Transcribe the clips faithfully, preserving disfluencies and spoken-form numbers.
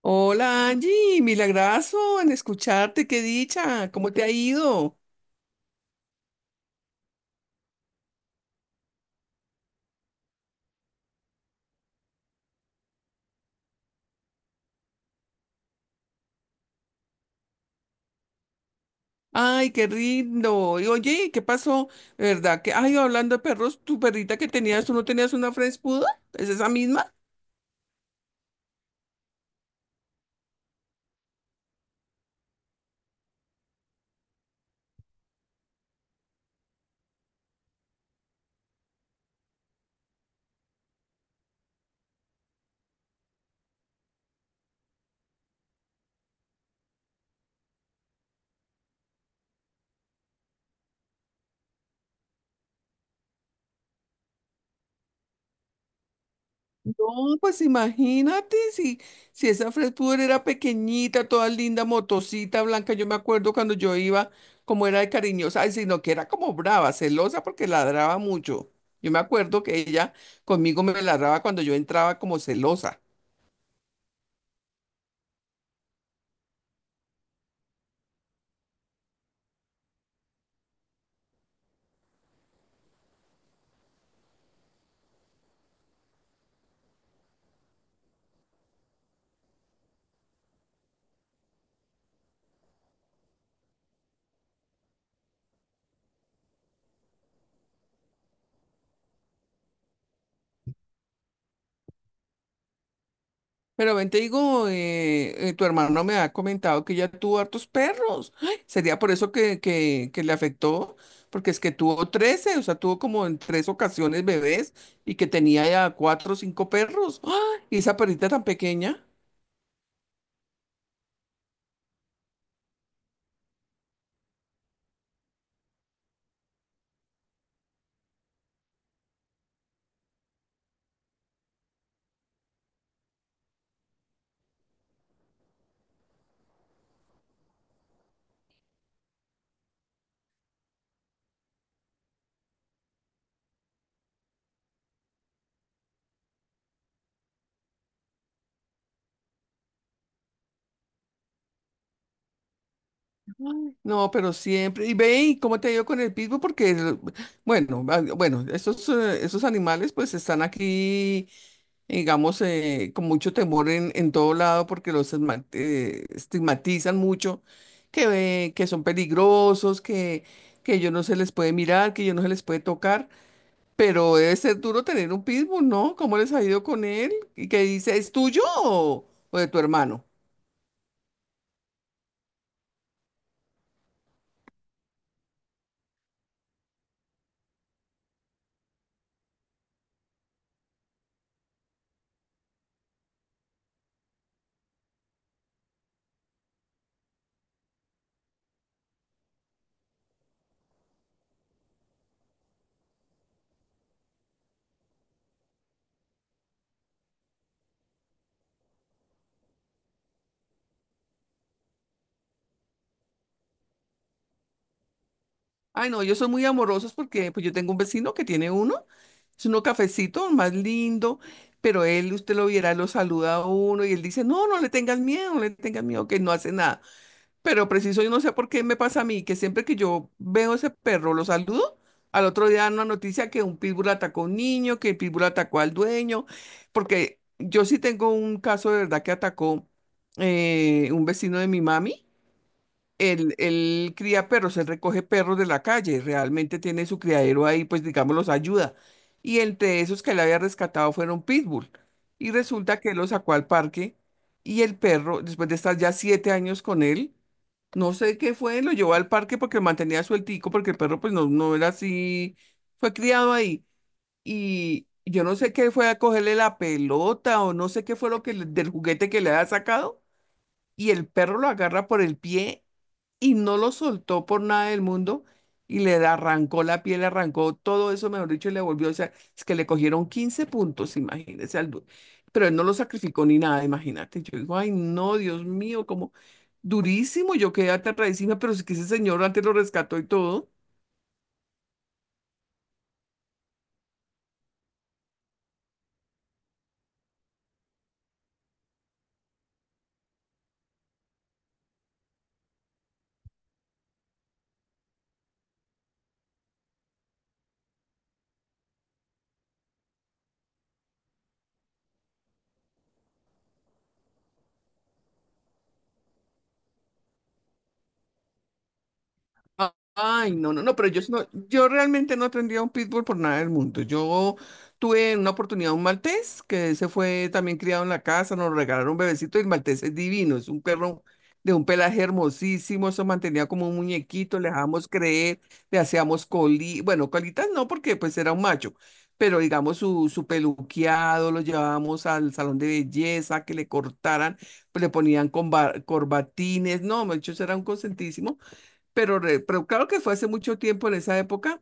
Hola Angie, milagrazo en escucharte, qué dicha, ¿cómo te ha ido? Ay, qué lindo. Y oye, ¿qué pasó? ¿Verdad que, ay, hablando de perros, tu perrita que tenías, tú no tenías una French Poodle? ¿Es esa misma? No, pues imagínate si, si esa French Poodle era pequeñita, toda linda, motosita, blanca, yo me acuerdo cuando yo iba, como era de cariñosa, ay, sino que era como brava, celosa porque ladraba mucho. Yo me acuerdo que ella conmigo me ladraba cuando yo entraba como celosa. Pero ven, te digo, eh, eh, tu hermano me ha comentado que ya tuvo hartos perros. Ay, sería por eso que, que, que le afectó, porque es que tuvo trece, o sea, tuvo como en tres ocasiones bebés y que tenía ya cuatro o cinco perros. ¡Ah! Y esa perrita tan pequeña. No, pero siempre. Y ve, ¿y cómo te ha ido con el pitbull? Porque, el- bueno, ah, bueno, esos, eh, esos animales pues están aquí, digamos, eh, con mucho temor en, en todo lado porque los esma- eh, estigmatizan mucho, que, ve- que son peligrosos, que, que ellos no se les puede mirar, que ellos no se les puede tocar, pero debe ser duro tener un pitbull, ¿no? ¿Cómo les ha ido con él? Y que dice, ¿es tuyo o, o de tu hermano? Ay, no, ellos son muy amorosos porque pues yo tengo un vecino que tiene uno, es uno cafecito, más lindo. Pero él, usted lo viera, lo saluda a uno y él dice, no, no le tengas miedo, no le tengas miedo, que no hace nada. Pero preciso, yo no sé por qué me pasa a mí, que siempre que yo veo ese perro, lo saludo, al otro día dan una noticia que un pitbull atacó a un niño, que el pitbull atacó al dueño, porque yo sí tengo un caso de verdad que atacó, eh, un vecino de mi mami. Él, él cría perros, él recoge perros de la calle, realmente tiene su criadero ahí, pues digamos, los ayuda. Y entre esos que él había rescatado fueron pitbull. Y resulta que él lo sacó al parque y el perro, después de estar ya siete años con él, no sé qué fue, lo llevó al parque porque lo mantenía sueltico, porque el perro pues no, no era así, fue criado ahí. Y yo no sé qué fue a cogerle la pelota, o no sé qué fue lo que le- del juguete que le había sacado, y el perro lo agarra por el pie y no lo soltó por nada del mundo, y le arrancó la piel, le arrancó todo eso, mejor dicho, y le volvió, o sea, es que le cogieron quince puntos, imagínese, al du- pero él no lo sacrificó ni nada, imagínate. Yo digo, ay, no, Dios mío, como durísimo, yo quedé aterradísima, pero es que ese señor antes lo rescató y todo. Ah, ay, no, no, no, pero yo, no, yo realmente no tendría un pitbull por nada del mundo. Yo tuve en una oportunidad un maltés que se fue también criado en la casa, nos regalaron un bebecito, y el maltés es divino, es un perro de un pelaje hermosísimo, se mantenía como un muñequito, le dejábamos creer, le hacíamos coli, bueno, colitas no, porque pues era un macho, pero digamos su, su peluqueado, lo llevábamos al salón de belleza, que le cortaran, pues, le ponían comba- corbatines, no, muchachos, era un consentísimo, pero, re- pero claro que fue hace mucho tiempo. En esa época,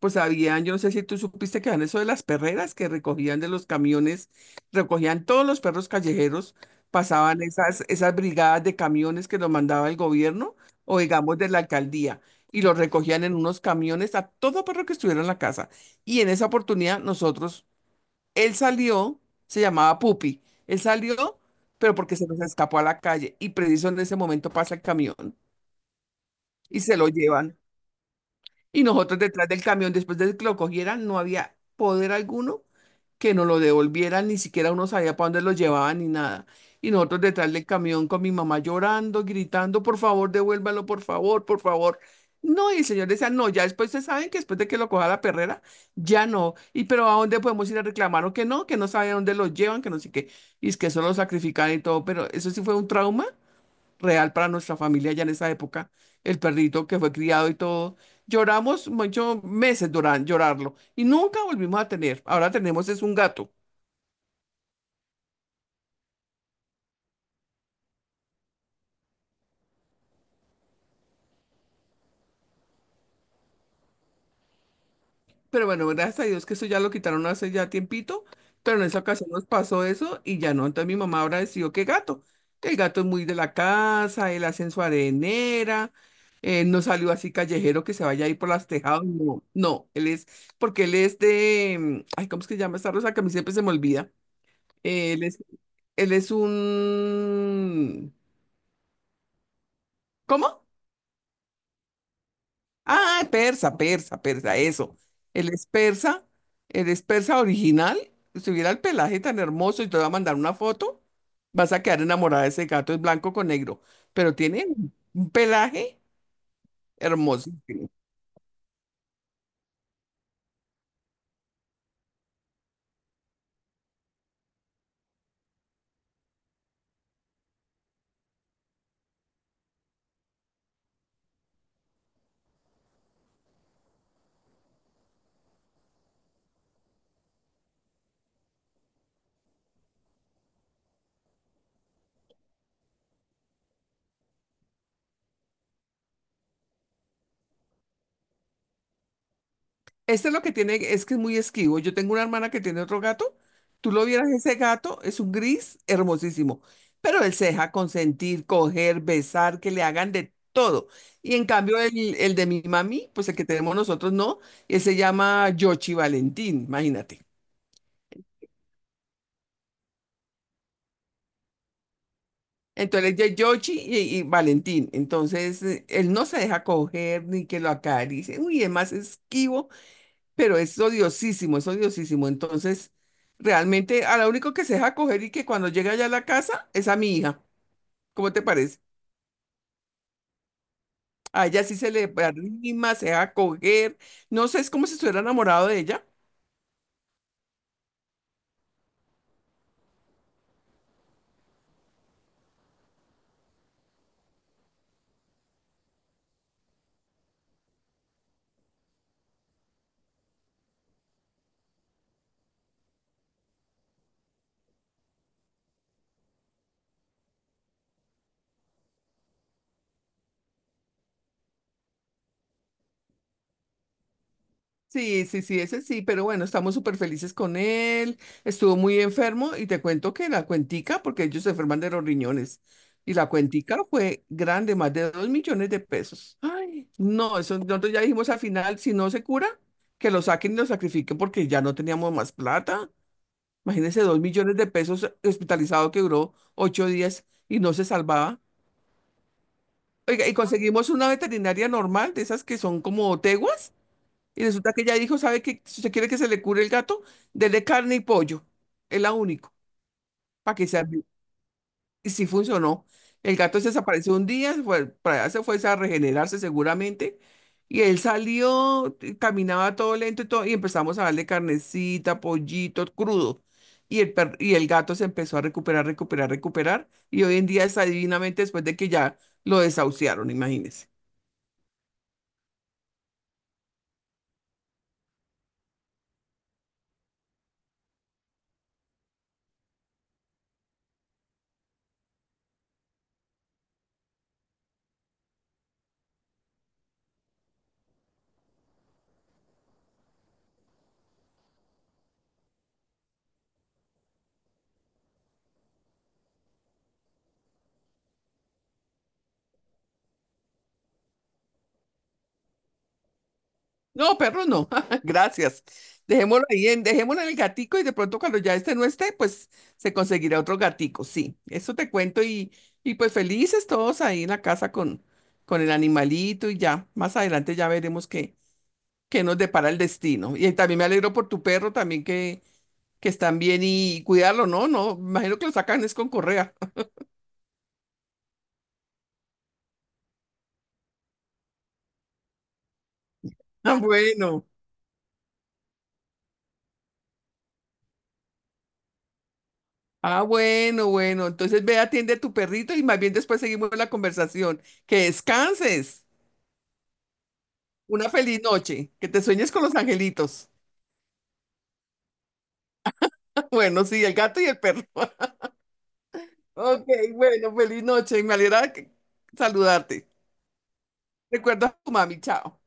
pues habían, yo no sé si tú supiste que habían eso de las perreras que recogían de los camiones, recogían todos los perros callejeros, pasaban esas, esas brigadas de camiones que los mandaba el gobierno, o digamos de la alcaldía. Y los recogían en unos camiones a todo perro que estuviera en la casa. Y en esa oportunidad nosotros, él salió, se llamaba Pupi, él salió, pero porque se nos escapó a la calle. Y preciso en ese momento pasa el camión y se lo llevan. Y nosotros detrás del camión, después de que lo cogieran, no había poder alguno que nos lo devolvieran, ni siquiera uno sabía para dónde lo llevaban ni nada. Y nosotros detrás del camión con mi mamá llorando, gritando, por favor, devuélvalo, por favor, por favor. No, y el señor decía, no, ya después se saben que después de que lo coja la perrera, ya no. Y pero ¿a dónde podemos ir a reclamar o que no? Que no sabe a dónde lo llevan, que no sé qué. Y es que eso lo sacrifican y todo, pero eso sí fue un trauma real para nuestra familia ya en esa época, el perrito que fue criado y todo. Lloramos muchos meses lloran, llorarlo, y nunca volvimos a tener. Ahora tenemos es un gato. Pero bueno, gracias a Dios que eso ya lo quitaron hace ya tiempito, pero en esa ocasión nos pasó eso y ya no. Entonces mi mamá ahora decidió que gato, que el gato es muy de la casa, él hace en su arenera, eh, no salió así callejero que se vaya a ir por las tejados, no, no, él es, porque él es de, mm, ay, ¿cómo es que se llama esta rosa que a mí siempre se me olvida? Él es, él es un... ¿Cómo? Ah, persa, persa, persa, eso. Él es persa, él es persa original. Si hubiera el pelaje tan hermoso, y te voy a mandar una foto, vas a quedar enamorada de ese gato, es blanco con negro, pero tiene un un pelaje hermoso. Este es lo que tiene es que es muy esquivo. Yo tengo una hermana que tiene otro gato. Tú lo vieras, ese gato es un gris hermosísimo, pero él se deja consentir, coger, besar, que le hagan de todo. Y en cambio, el, el de mi mami, pues el que tenemos nosotros no, él se llama Yoshi Valentín, imagínate. Entonces, ya Yoshi y, y Valentín. Entonces, eh, él no se deja coger ni que lo acaricie. Uy, es más esquivo, pero es odiosísimo, es odiosísimo. Entonces, realmente a la único que se deja coger y que cuando llega ya a la casa es a mi hija. ¿Cómo te parece? A ella sí se le arrima, se deja coger. No sé, es como si estuviera enamorado de ella. Sí, sí, sí, ese sí, pero bueno, estamos súper felices con él. Estuvo muy enfermo y te cuento que la cuentica, porque ellos se enferman de los riñones, y la cuentica fue grande, más de dos millones de pesos. Ay, no, eso nosotros ya dijimos al final, si no se cura, que lo saquen y lo sacrifiquen, porque ya no teníamos más plata. Imagínense, dos millones de pesos hospitalizado que duró ocho días y no se salvaba. Oiga, y conseguimos una veterinaria normal, de esas que son como teguas, y resulta que ella dijo, ¿sabe qué? Si usted quiere que se le cure el gato, dele carne y pollo. Es la único, para que sea bien. Y sí funcionó. El gato se desapareció un día, se fue, para allá se fue a regenerarse seguramente. Y él salió, y caminaba todo lento y todo, y empezamos a darle carnecita, pollito, crudo. Y el, per- y el gato se empezó a recuperar, recuperar, recuperar. Y hoy en día está divinamente, después de que ya lo desahuciaron, imagínense. No, perro, no. Gracias. Dejémoslo ahí, en, dejémoslo en el gatico, y de pronto cuando ya este no esté, pues se conseguirá otro gatico. Sí, eso te cuento, y, y pues felices todos ahí en la casa con, con el animalito, y ya. Más adelante ya veremos qué, qué nos depara el destino. Y también me alegro por tu perro también, que, que están bien y cuidarlo, ¿no? No, me imagino que lo sacan es con correa. Ah, bueno. Ah, bueno, bueno. Entonces ve, atiende a tu perrito y más bien después seguimos la conversación. Que descanses. Una feliz noche, que te sueñes con los angelitos. Bueno, sí, el gato y el perro. Ok, bueno, feliz noche. Me alegra que- saludarte. Recuerda a tu mami, chao.